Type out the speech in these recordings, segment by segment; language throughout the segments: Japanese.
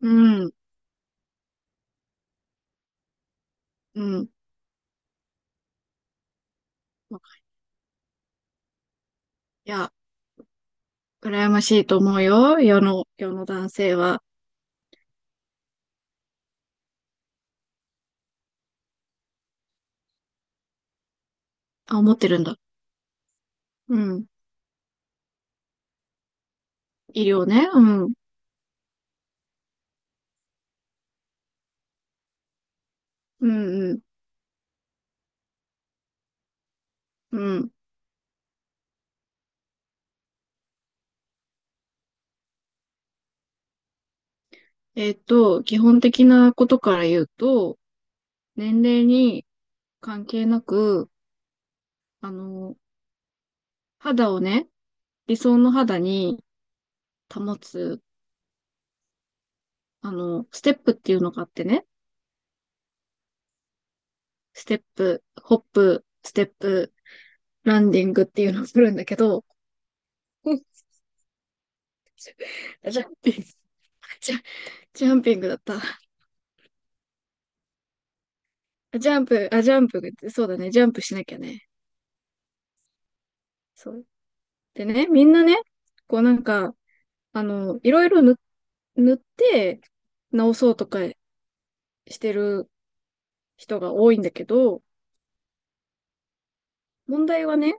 うん、うん。いや、羨ましいと思うよ。世の男性は。あ、思ってるんだ。うん。医療ね。うん。うん、うん、うん。基本的なことから言うと、年齢に関係なく、あの、肌をね、理想の肌に保つ、ステップっていうのがあってね、ステップ、ホップ、ステップ、ランディングっていうのをするんだけど、ジャンピング、ジャ、ジャンピングだった。あ、ジャンプ、あ、ジャンプ、そうだね、ジャンプしなきゃね。そう。でね、みんなね、こうなんか、いろいろ塗って直そうとかしてる人が多いんだけど、問題はね、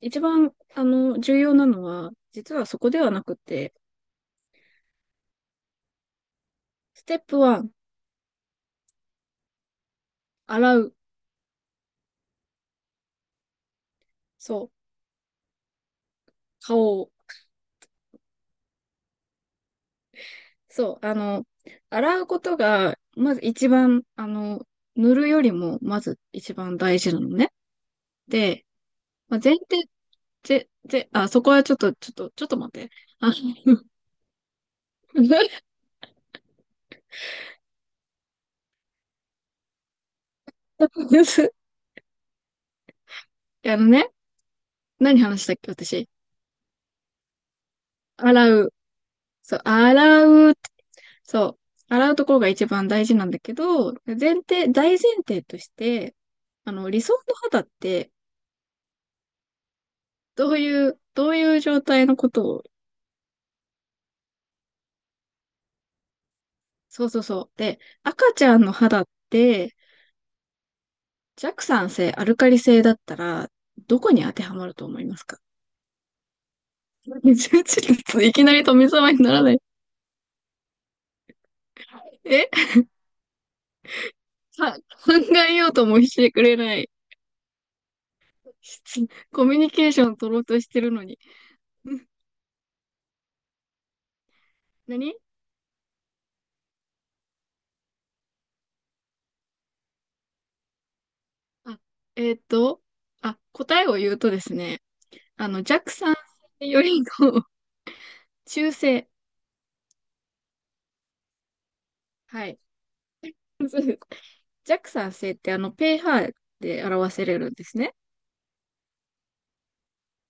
一番、重要なのは、実はそこではなくて、ステップ1、洗う。そう、顔を。そう、洗うことが、まず一番、塗るよりも、まず一番大事なのね。で、まあ、前提ぜ、ぜ、あ、そこはちょっと、ちょっと、ちょっと待って。あ、あのね、何話したっけ、私。洗う。そう、洗う。そう、洗うところが一番大事なんだけど、大前提として、理想の肌って、どういう状態のことを？そうそうそう。で、赤ちゃんの肌って、弱酸性、アルカリ性だったら、どこに当てはまると思いますか？ ちょっといきなり富澤にならない。えさ、考えようともしてくれない。コミュニケーション取ろうとしてるのに。うん、何？あ、えーっと、答えを言うとですね、弱酸性よりの 中性。はい。弱酸性ってpH で表せれるんですね。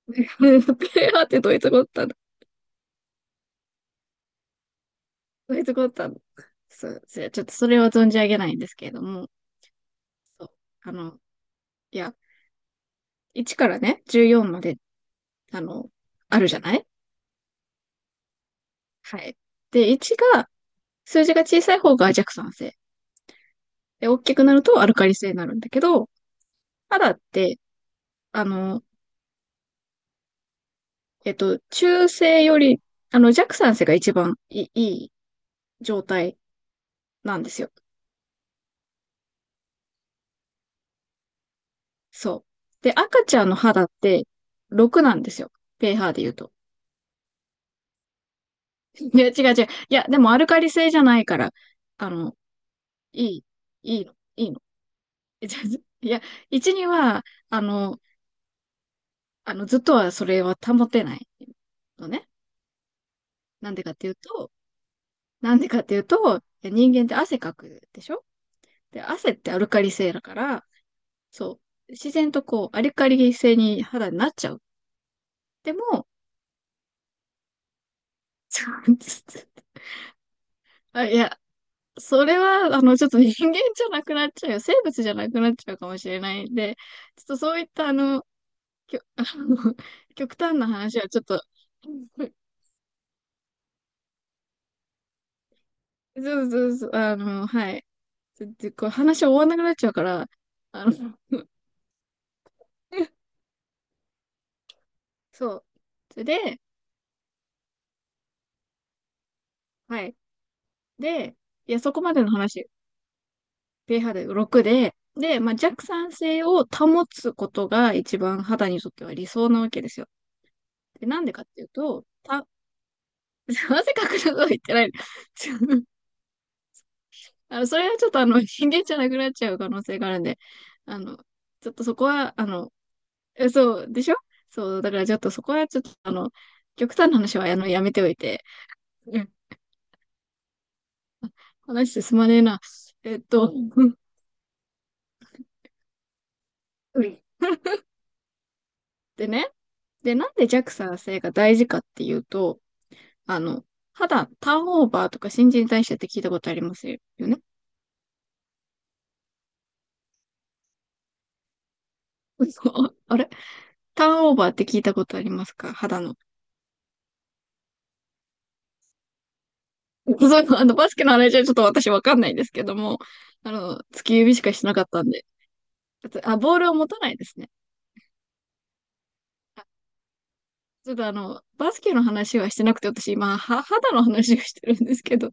pH ってどういうとこだったの？どういうとこだったの？そう、それちょっとそれは存じ上げないんですけれども、そう、あの、いや、1からね、14まで、あの、あるじゃない？はい。で、1が、数字が小さい方が弱酸性。で、大きくなるとアルカリ性になるんだけど、肌って、あの、中性より、弱酸性が一番いい状態なんですよ。そう。で、赤ちゃんの肌って6なんですよ。pH で言うと。いや、違う違う。いや、でもアルカリ性じゃないから、あの、いい、いいの、いいの。じゃ、いや、1には、ずっとはそれは保てないのね。なんでかっていうと、なんでかっていうと、いや、人間って汗かくでしょ？で、汗ってアルカリ性だから、そう、自然とこう、アルカリ性に肌になっちゃう。でも、あ、いや、それは、ちょっと人間じゃなくなっちゃうよ。生物じゃなくなっちゃうかもしれないんで、ちょっとそういった、あの、きょ、あの、極端な話はちょっと、そうそうそう、はい。で、こう話終わんなくなっちゃうから、あの、そう。それで、はい。で、いや、そこまでの話、pH6 でろくで、で、まあ、弱酸性を保つことが一番肌にとっては理想なわけですよ。で、なんでかっていうと、なぜかくなこと言ってない。ちょあの、それはちょっと人間じゃなくなっちゃう可能性があるんで、あの、ちょっとそこは、そう、でしょ？そう、だからちょっとそこはちょっと極端な話はやめておいて、うん、話進まねえな。えっと、うん、でね、で、なんで JAXA 製が大事かっていうと、あの、肌、ターンオーバーとか新陳代謝って聞いたことありますよね？ そう、あれ、ターンオーバーって聞いたことありますか、肌の？そういうの、バスケの話はちょっと私わかんないんですけども、突き指しかしてなかったんで。あ、ボールを持たないですね。ちょっとバスケの話はしてなくて、私今、は、肌の話をしてるんですけど、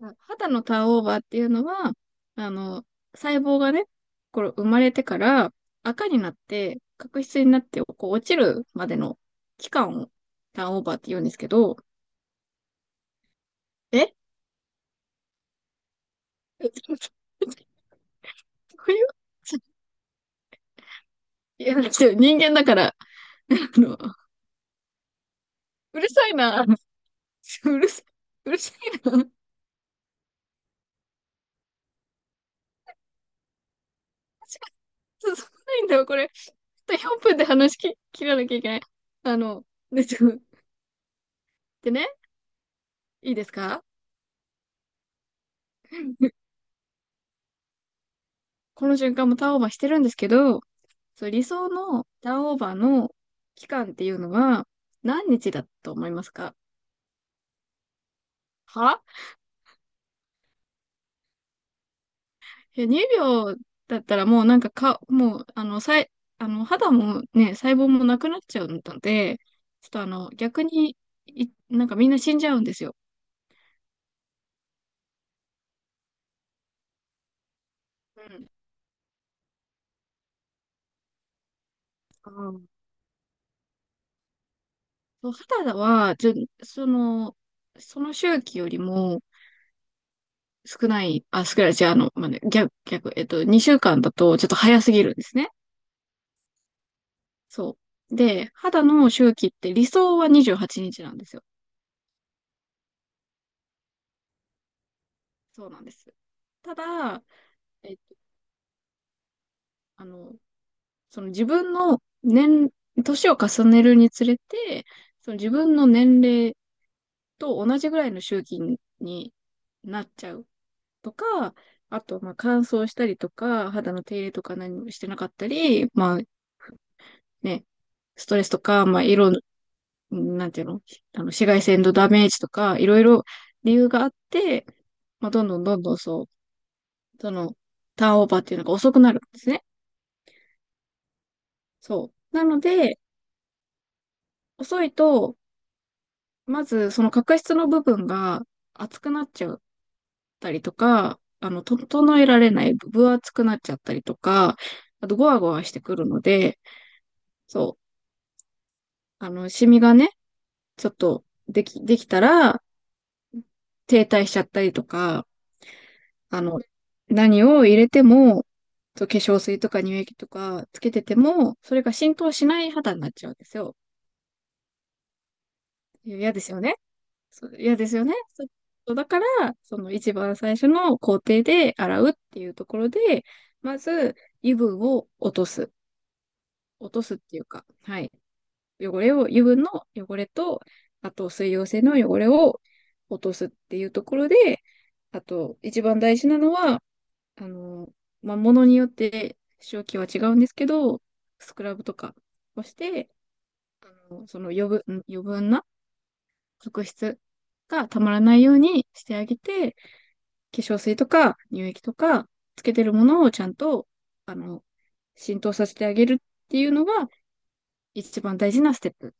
肌のターンオーバーっていうのは、あの、細胞がね、これ生まれてから赤になって、角質になってこう落ちるまでの期間をターンオーバーって言うんですけど、え こういう、いや、ちょっと人間だから、あの、うるさいな、うるさい、うるさいな、そか、進まないんだよ、これ。ちょっと4分で話き切らなきゃいけない。あの、で、でね、いいですか？この瞬間もターンオーバーしてるんですけど、そう、理想のターンオーバーの期間っていうのは何日だと思いますか？は？いや、2秒だったらもうなんかもう、あの、さい、あの、肌もね、細胞もなくなっちゃうので、ちょっと逆に、なんかみんな死んじゃうんですよ。うん。あー、そう、肌は、その、その周期よりも少ない、じゃあ、まあね、逆、2週間だとちょっと早すぎるんですね。そう。で、肌の周期って理想は28日なんですよ。そうなんです。ただ、えっと、あの、その自分の年を重ねるにつれて、その自分の年齢と同じぐらいの周期になっちゃうとか、あと、まあ、乾燥したりとか、肌の手入れとか何もしてなかったり、まあね、ストレスとか、まあ、なんていうの、紫外線のダメージとか、いろいろ理由があって、まあ、どんどんどんどん、そう、その、ターンオーバーっていうのが遅くなるんですね。そう。なので、遅いと、まずその角質の部分が厚くなっちゃったりとか、整えられない、分厚くなっちゃったりとか、あと、ゴワゴワしてくるので、そう、シミがね、ちょっと、できたら、停滞しちゃったりとか、あの、何を入れても、そう、化粧水とか乳液とかつけてても、それが浸透しない肌になっちゃうんですよ。嫌ですよね。そう、嫌ですよね。そう、そうだから、その一番最初の工程で洗うっていうところで、まず油分を落とす。落とすっていうか、はい。汚れを、油分の汚れと、あと水溶性の汚れを落とすっていうところで、あと一番大事なのは、あの、まあ、ものによって使用期は違うんですけど、スクラブとかをして、余分な角質がたまらないようにしてあげて、化粧水とか乳液とかつけてるものをちゃんと、あの、浸透させてあげるっていうのが一番大事なステップ。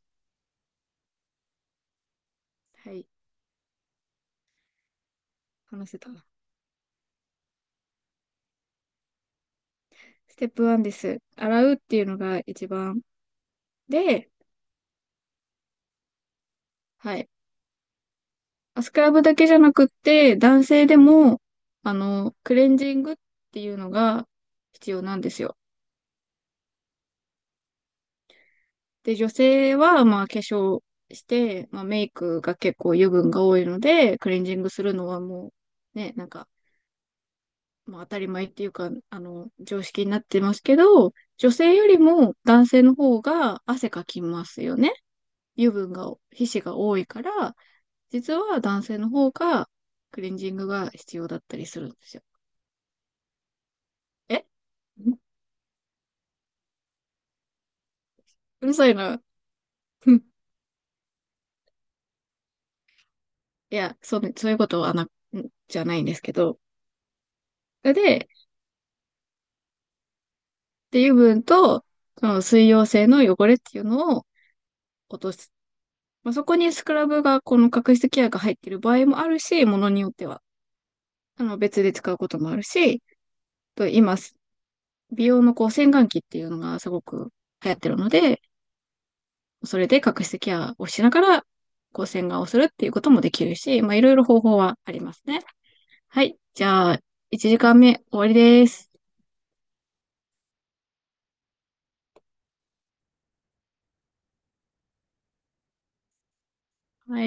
はい、話せた。ステップ1です。洗うっていうのが一番で、はい。スクラブだけじゃなくって、男性でも、クレンジングっていうのが必要なんですよ。で、女性は、まあ、化粧して、まあ、メイクが結構油分が多いので、クレンジングするのはもう、ね、なんか、まあ、当たり前っていうか、常識になってますけど、女性よりも男性の方が汗かきますよね。油分が、皮脂が多いから、実は男性の方がクレンジングが必要だったりするんですよ。えうるさいな。うん、 いや、そうね、そういうことはな、んじゃないんですけど。それで、油分と、その水溶性の汚れっていうのを落とす。まあ、そこにスクラブが、この角質ケアが入っている場合もあるし、ものによっては、別で使うこともあるし、と今、美容のこう、洗顔器っていうのがすごく流行ってるので、それで角質ケアをしながら、こう、洗顔をするっていうこともできるし、まあ、いろいろ方法はありますね。はい。じゃあ、1時間目終わりです。はい。